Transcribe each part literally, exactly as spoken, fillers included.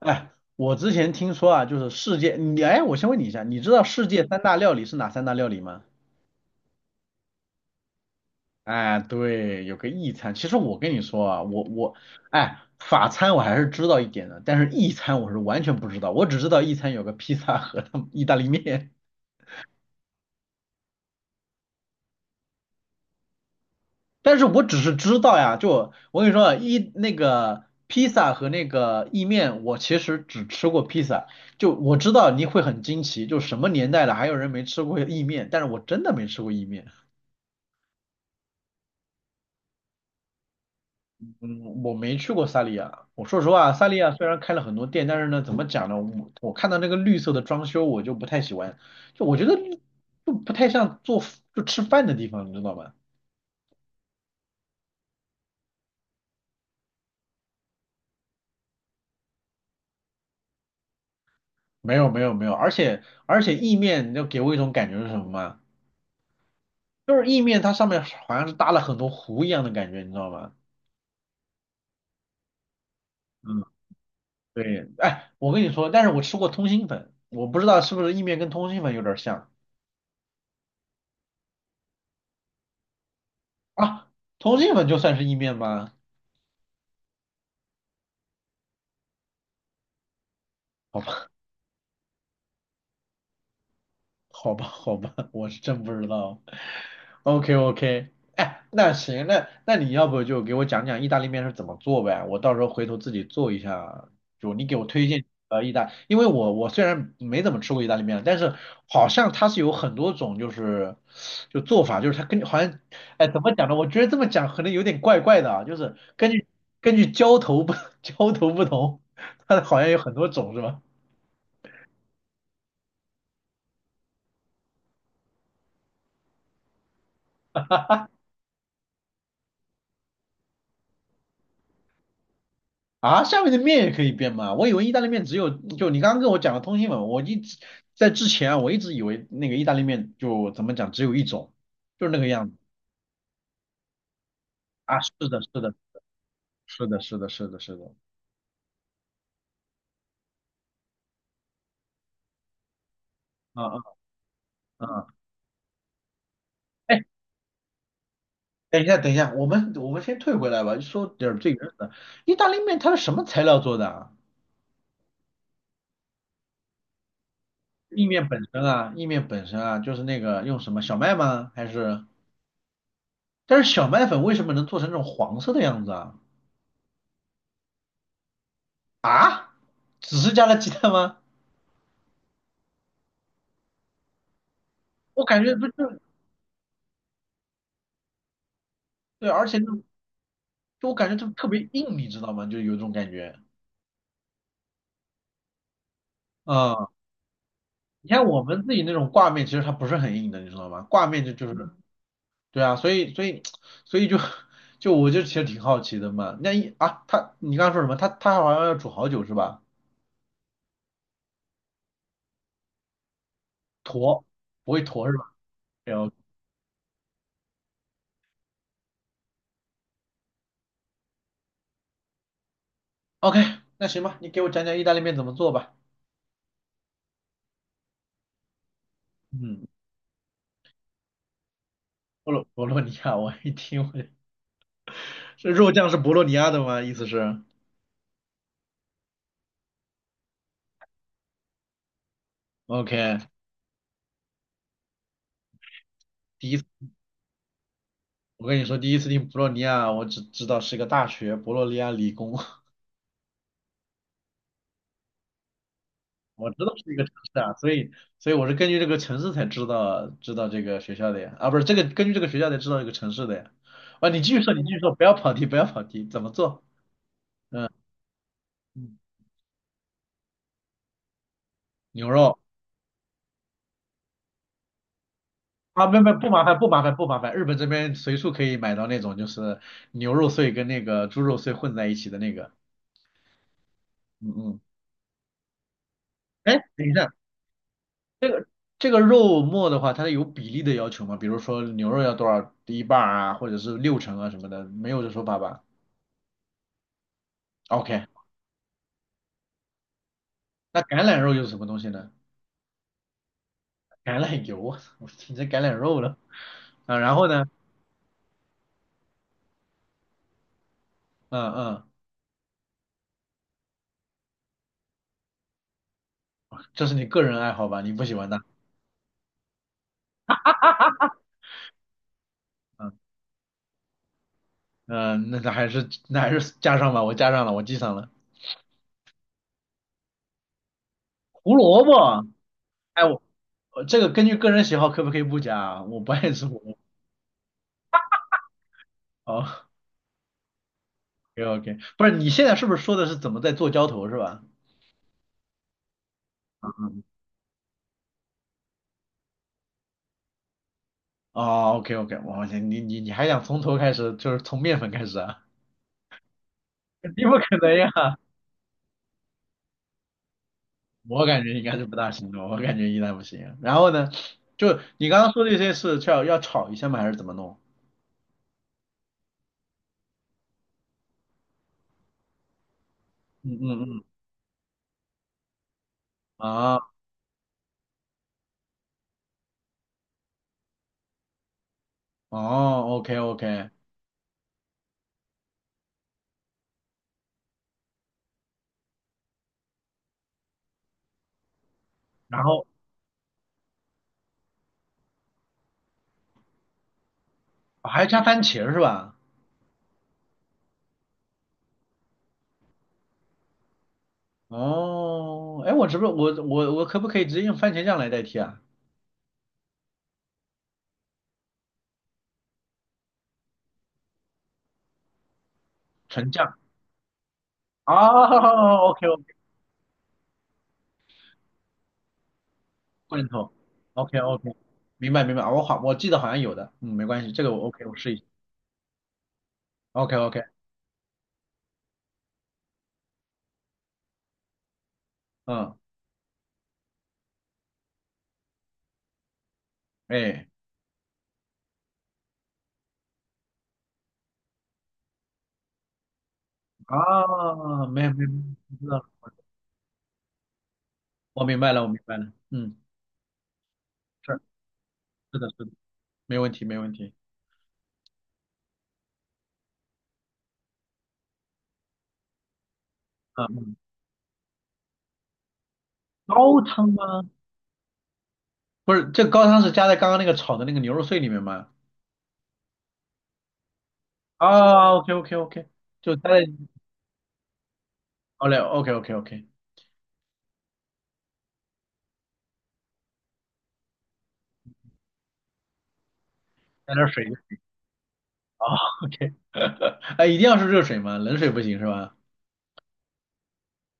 哎，我之前听说啊，就是世界，你哎，我先问你一下，你知道世界三大料理是哪三大料理吗？哎，对，有个意餐。其实我跟你说啊，我我哎，法餐我还是知道一点的，但是意餐我是完全不知道，我只知道意餐有个披萨和他们意大利面，但是我只是知道呀，就我跟你说啊，意那个披萨和那个意面，我其实只吃过披萨，就我知道你会很惊奇，就什么年代了还有人没吃过意面，但是我真的没吃过意面。嗯，我没去过萨利亚。我说实话，萨利亚虽然开了很多店，但是呢，怎么讲呢？我我看到那个绿色的装修，我就不太喜欢。就我觉得就不太像做就吃饭的地方，你知道吗？没有没有没有，而且而且意面，你知给我一种感觉是什么吗？就是意面它上面好像是搭了很多糊一样的感觉，你知道吗？嗯，对。哎，我跟你说，但是我吃过通心粉，我不知道是不是意面跟通心粉有点像啊？通心粉就算是意面吗？好吧。好吧，好吧，我是真不知道。OK OK，哎，那行，那那你要不就给我讲讲意大利面是怎么做呗？我到时候回头自己做一下。就你给我推荐呃意大，因为我我虽然没怎么吃过意大利面，但是好像它是有很多种就是就做法，就是它根据好像哎怎么讲呢？我觉得这么讲可能有点怪怪的啊，就是根据根据浇头不 浇头不同，它好像有很多种是吧？啊，下面的面也可以变吗？我以为意大利面只有，就你刚刚跟我讲的通心粉，我一直在之前啊，我一直以为那个意大利面就怎么讲只有一种，就是那个样子啊。是的，是的，是的，是的，是的，是的，啊啊啊！哎，等一下，等一下，我们我们先退回来吧，说点儿最原始的。意大利面它是什么材料做的啊？意面本身啊，意面本身啊，就是那个用什么小麦吗？还是？但是小麦粉为什么能做成这种黄色的样子啊？啊？只是加了鸡蛋吗？我感觉不就对，而且就就我感觉就特别硬，你知道吗？就有一种感觉。嗯，你看我们自己那种挂面，其实它不是很硬的，你知道吗？挂面就就是，对啊，所以所以所以就 就我就其实挺好奇的嘛。那一啊，他你刚刚说什么？他他好像要煮好久是吧？坨，不会坨是吧？然后 OK，那行吧，你给我讲讲意大利面怎么做吧。嗯，博洛博洛尼亚，我一听我这肉酱是博洛尼亚的吗？意思是 OK。第。一。我跟你说，第一次听博洛尼亚，我只知道是一个大学，博洛尼亚理工。我知道是一个城市啊，所以所以我是根据这个城市才知道知道这个学校的呀，啊，不是这个根据这个学校才知道这个城市的呀。啊，你继续说，你继续说，不要跑题，不要跑题，怎么做？嗯，嗯牛肉啊，没没不麻烦，不麻烦，不麻烦，日本这边随处可以买到那种就是牛肉碎跟那个猪肉碎混在一起的那个。嗯嗯，哎，等一下。这个肉末的话，它有比例的要求吗？比如说牛肉要多少一半儿啊，或者是六成啊什么的，没有这说法吧？OK，那橄榄肉又是什么东西呢？橄榄油，我操，我听成橄榄肉了。啊，然后呢？嗯嗯，这是你个人爱好吧？你不喜欢的。嗯嗯，那那还是那还是加上吧，我加上了，我记上了。胡萝卜，哎，我我这个根据个人喜好可不可以不加啊？我不爱吃胡萝卜。好，OK OK，不是你现在是不是说的是怎么在做浇头是吧？嗯哦，OK OK，我你你你你还想从头开始，就是从面粉开始啊？肯定不可能呀，我感觉应该是不大行的，我感觉应该不行。然后呢，就你刚刚说这些是要要炒一下吗？还是怎么弄？嗯嗯嗯，啊，哦，OK OK，然后哦还加番茄是吧？哦，哎，我是不是我我我可不可以直接用番茄酱来代替啊？纯酱。哦，OK OK，罐头，OK OK，明白明白，哦我好我记得好像有的，嗯，没关系，这个我 OK，我试一下。OK OK，嗯，哎，啊，没有没有，我知道了，我明白了，我明白了。嗯，是，是的，是的，没问题没问题，啊嗯，高汤吗？不是，这高汤是加在刚刚那个炒的那个牛肉碎里面吗？啊，OK OK OK，就加在，好嘞，OK OK OK，加点水就好，OK。哎，一定要是热水吗？冷水不行是吧？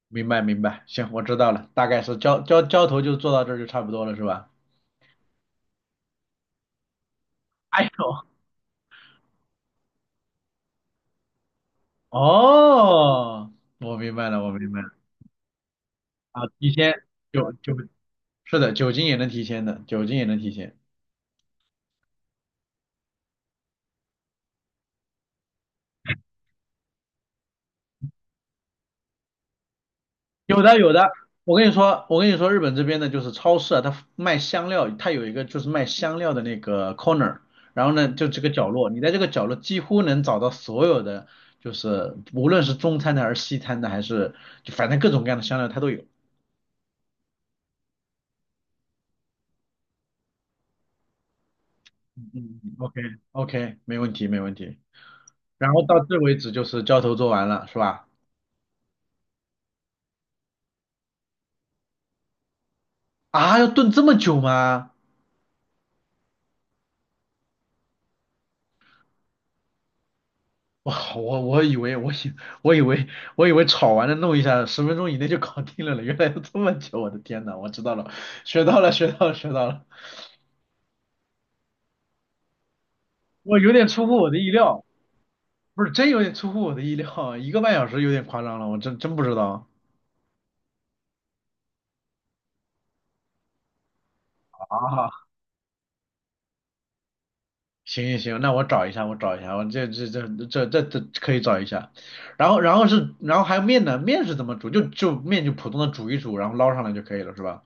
明白明白，行，我知道了，大概是浇浇浇头就做到这儿就差不多了是吧？哎呦，哦，我明白了，我明白了。啊，提前酒酒是的，酒精也能提前的，酒精也能提前。有的有的，我跟你说，我跟你说，日本这边的就是超市啊，它卖香料，它有一个就是卖香料的那个 corner，然后呢，就这个角落，你在这个角落几乎能找到所有的，就是无论是中餐的还是西餐的，还是就反正各种各样的香料它都有。嗯嗯嗯，OK OK，没问题没问题。然后到这为止就是浇头做完了是吧？啊，要炖这么久吗？哇，我我以为我以我以为我以为炒完了弄一下，十分钟以内就搞定了呢。原来要这么久，我的天呐，我知道了，学到了，学到了，学到了，我有点出乎我的意料，不是真有点出乎我的意料，一个半小时有点夸张了，我真真不知道啊。行行行，那我找一下，我找一下，我这这这这这这可以找一下。然后然后是然后还有面呢，面是怎么煮？就就面就普通的煮一煮，然后捞上来就可以了，是吧？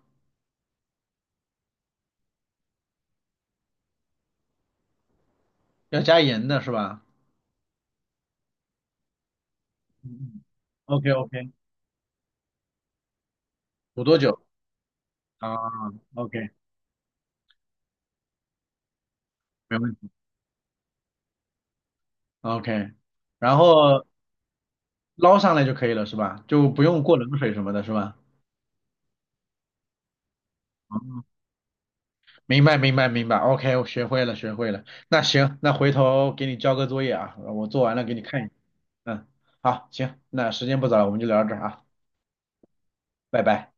要加盐的是吧？嗯嗯。OK OK，煮多久？啊？OK，没问题。OK，然后捞上来就可以了，是吧？就不用过冷水什么的，是吧？哦，明白，明白，明白。OK，我学会了，学会了。那行，那回头给你交个作业啊，我做完了给你看一下。嗯，好，行，那时间不早了，我们就聊到这儿啊，拜拜。